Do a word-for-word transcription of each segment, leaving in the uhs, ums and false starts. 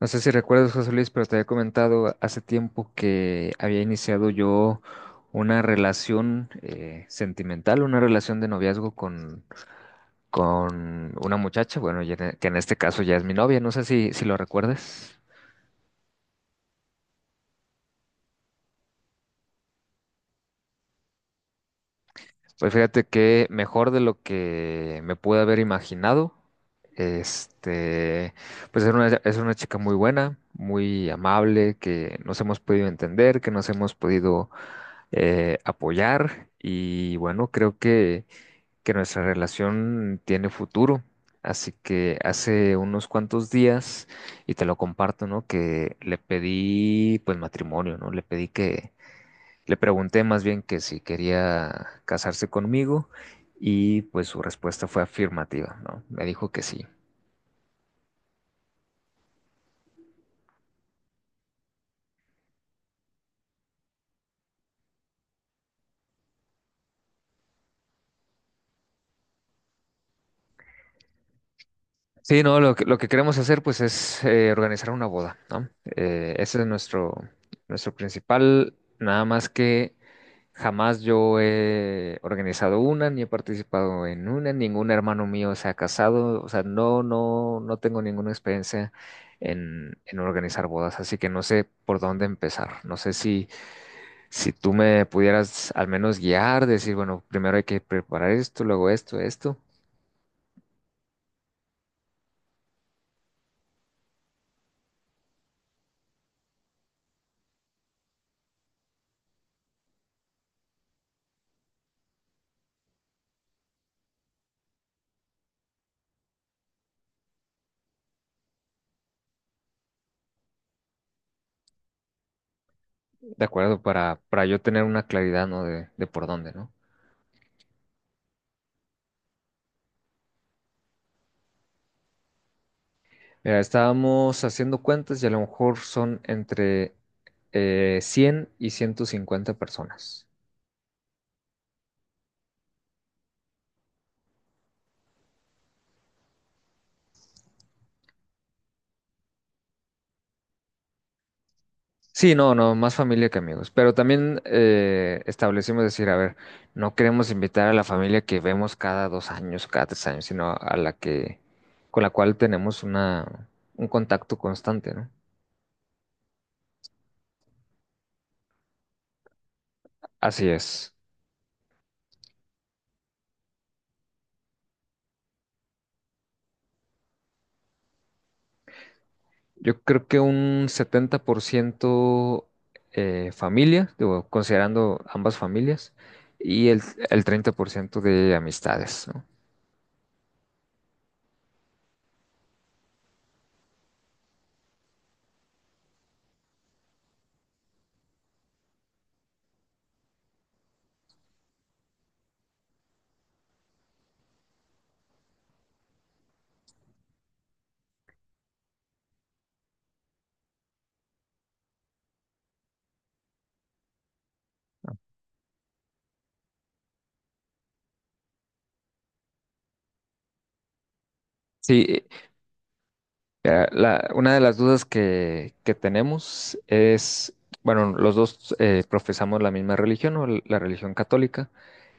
No sé si recuerdas, José Luis, pero te había comentado hace tiempo que había iniciado yo una relación eh, sentimental, una relación de noviazgo con, con una muchacha, bueno, ya en- e, que en este caso ya es mi novia, no sé si, si lo recuerdas. Pues fíjate que mejor de lo que me pude haber imaginado, este, pues es una, es una chica muy buena, muy amable, que nos hemos podido entender, que nos hemos podido eh, apoyar y bueno, creo que, que nuestra relación tiene futuro. Así que hace unos cuantos días, y te lo comparto, ¿no? Que le pedí pues matrimonio, ¿no? Le pedí que, le pregunté más bien que si quería casarse conmigo y pues su respuesta fue afirmativa, ¿no? Me dijo que sí. Sí, no, lo que, lo que queremos hacer pues es eh, organizar una boda, ¿no? Eh, ese es nuestro, nuestro principal, nada más que jamás yo he organizado una, ni he participado en una, ningún hermano mío se ha casado, o sea, no, no, no tengo ninguna experiencia en, en organizar bodas, así que no sé por dónde empezar, no sé si, si tú me pudieras al menos guiar, decir, bueno, primero hay que preparar esto, luego esto, esto. De acuerdo, para, para yo tener una claridad, ¿no? De, de por dónde, ¿no? Mira, estábamos haciendo cuentas y a lo mejor son entre eh, cien y ciento cincuenta personas. Sí, no, no, más familia que amigos. Pero también eh, establecimos decir, a ver, no queremos invitar a la familia que vemos cada dos años, cada tres años, sino a la que, con la cual tenemos una, un contacto constante, ¿no? Así es. Yo creo que un setenta por ciento eh, familia, digo, considerando ambas familias, y el, el treinta por ciento de amistades, ¿no? Sí, eh, la- una de las dudas que, que tenemos es, bueno, los dos eh, profesamos la misma religión, o la religión católica,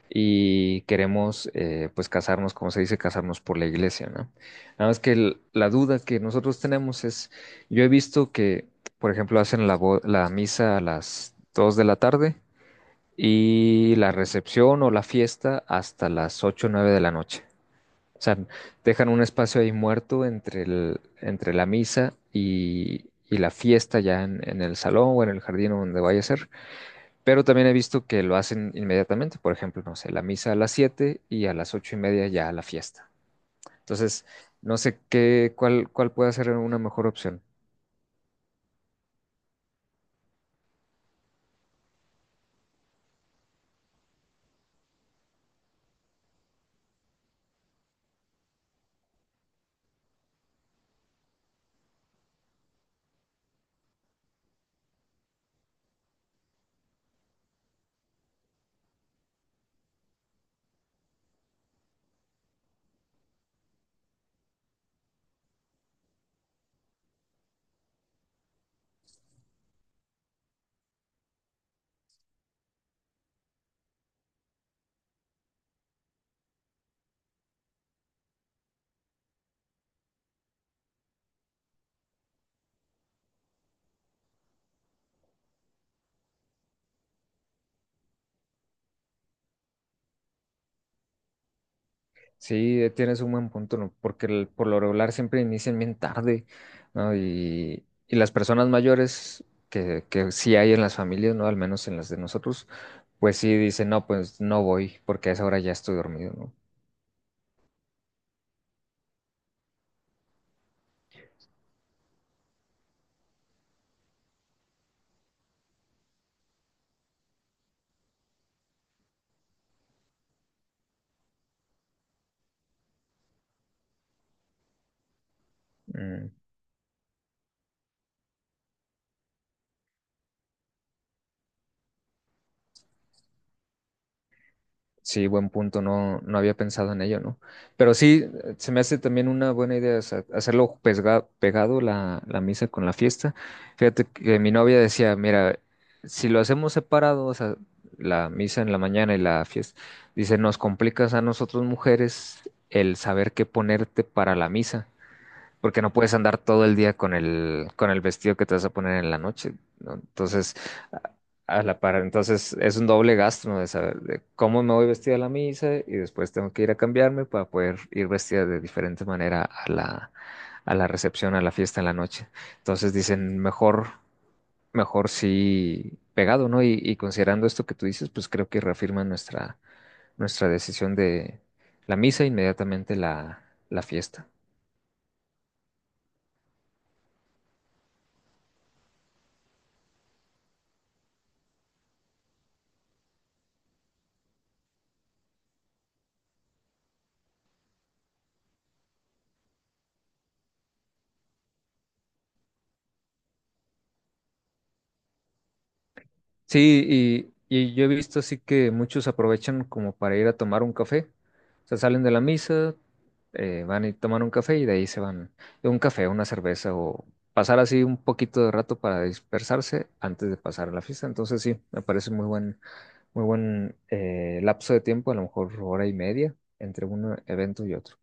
y queremos eh, pues casarnos, como se dice, casarnos por la iglesia, ¿no? Nada más que el- la duda que nosotros tenemos es, yo he visto que, por ejemplo, hacen la, bo- la misa a las dos de la tarde y la recepción o la fiesta hasta las ocho o nueve de la noche. O sea, dejan un espacio ahí muerto entre el, entre la misa y, y la fiesta ya en, en el salón o en el jardín o donde vaya a ser. Pero también he visto que lo hacen inmediatamente, por ejemplo, no sé, la misa a las siete y a las ocho y media ya la fiesta. Entonces, no sé qué, cuál, cuál puede ser una mejor opción. Sí, eh, tienes un buen punto, ¿no? Porque el- por lo regular siempre inician bien tarde, ¿no? Y, y las personas mayores que, que sí hay en las familias, ¿no? Al menos en las de nosotros, pues sí dicen, no, pues no voy porque a esa hora ya estoy dormido, ¿no? Mm, sí, buen punto, no, no había pensado en ello, ¿no? Pero sí, se me hace también una buena idea, o sea, hacerlo pesga- pegado la, la misa con la fiesta. Fíjate que mi novia decía, mira, si lo hacemos separado, o sea, la misa en la mañana y la fiesta, dice, nos complicas a nosotros mujeres el saber qué ponerte para la misa porque no puedes andar todo el día con el, con el vestido que te vas a poner en la noche, ¿no? Entonces, a a la par, entonces es un doble gasto, ¿no? De saber de cómo me voy vestida a la misa y después tengo que ir a cambiarme para poder ir vestida de diferente manera a la, a la recepción, a la fiesta en la noche. Entonces dicen, mejor, mejor sí pegado, ¿no? Y, y considerando esto que tú dices, pues creo que reafirma nuestra, nuestra decisión de la misa e inmediatamente la, la fiesta. Sí, y, y yo he visto así que muchos aprovechan como para ir a tomar un café. O sea, salen de la misa, eh, van y toman un café y de ahí se van a un café, una cerveza o pasar así un poquito de rato para dispersarse antes de pasar a la fiesta. Entonces sí, me parece muy buen, muy buen eh, lapso de tiempo, a lo mejor hora y media entre un evento y otro.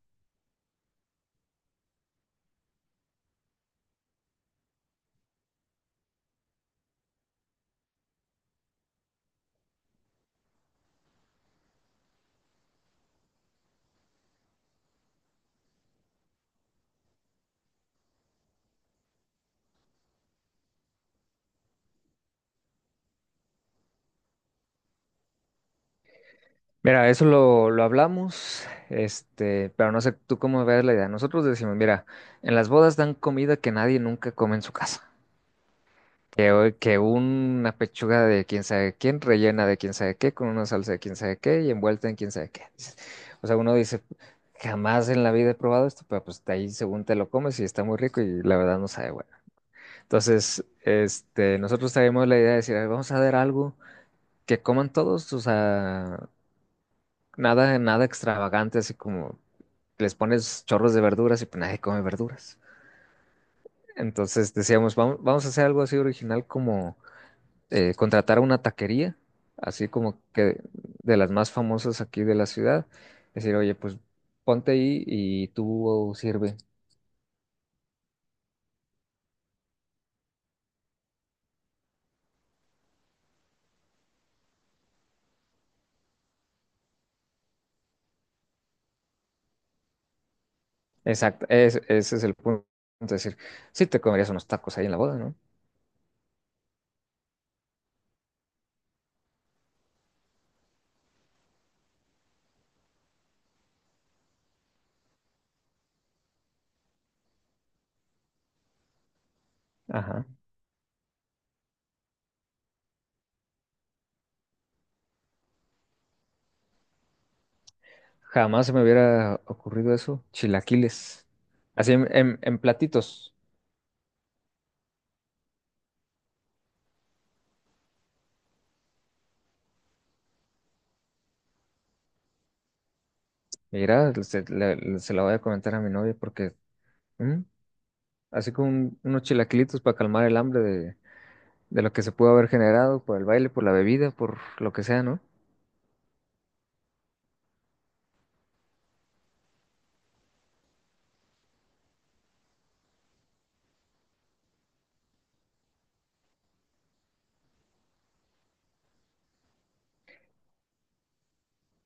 Mira, eso lo, lo hablamos, este, pero no sé tú cómo ves la idea. Nosotros decimos, mira, en las bodas dan comida que nadie nunca come en su casa. Que, hoy- que una pechuga de quién sabe quién, rellena de quién sabe qué, con una salsa de quién sabe qué y envuelta en quién sabe qué. Dices, o sea, uno dice, jamás en la vida he probado esto, pero pues de ahí según te lo comes y está muy rico y la verdad no sabe bueno. Entonces, este, nosotros traímos la idea de decir, "A ver, vamos a ver algo que coman todos, o sea, nada, nada extravagante, así como les pones chorros de verduras y pues nadie come verduras. Entonces decíamos, vamos, vamos a hacer algo así original eh, contratar a una taquería, así como que de las más famosas aquí de la ciudad, decir, oye, pues ponte ahí y tú sirve. Exacto, es- ese es el punto. Es decir, sí te comerías unos tacos ahí en la boda, ¿no? Ajá. Jamás se me hubiera ocurrido eso. Chilaquiles. Así en, en- en platitos. Mira, se, le- se la voy a comentar a mi novia porque, ¿mm? Así como un- unos chilaquilitos para calmar el hambre de, de lo que se pudo haber generado por el baile, por la bebida, por lo que sea, ¿no?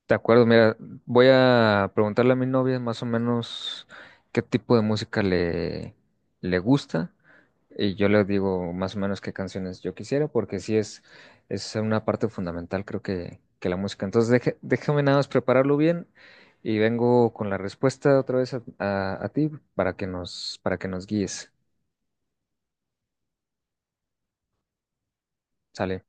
De acuerdo, mira, voy a preguntarle a mi novia más o menos qué tipo de música le, le gusta y yo le digo más o menos qué canciones yo quisiera porque sí es, es una parte fundamental creo que, que la música. Entonces deje- déjame nada más prepararlo bien y vengo con la respuesta otra vez a, a- a ti para que nos, para que nos guíes. Sale.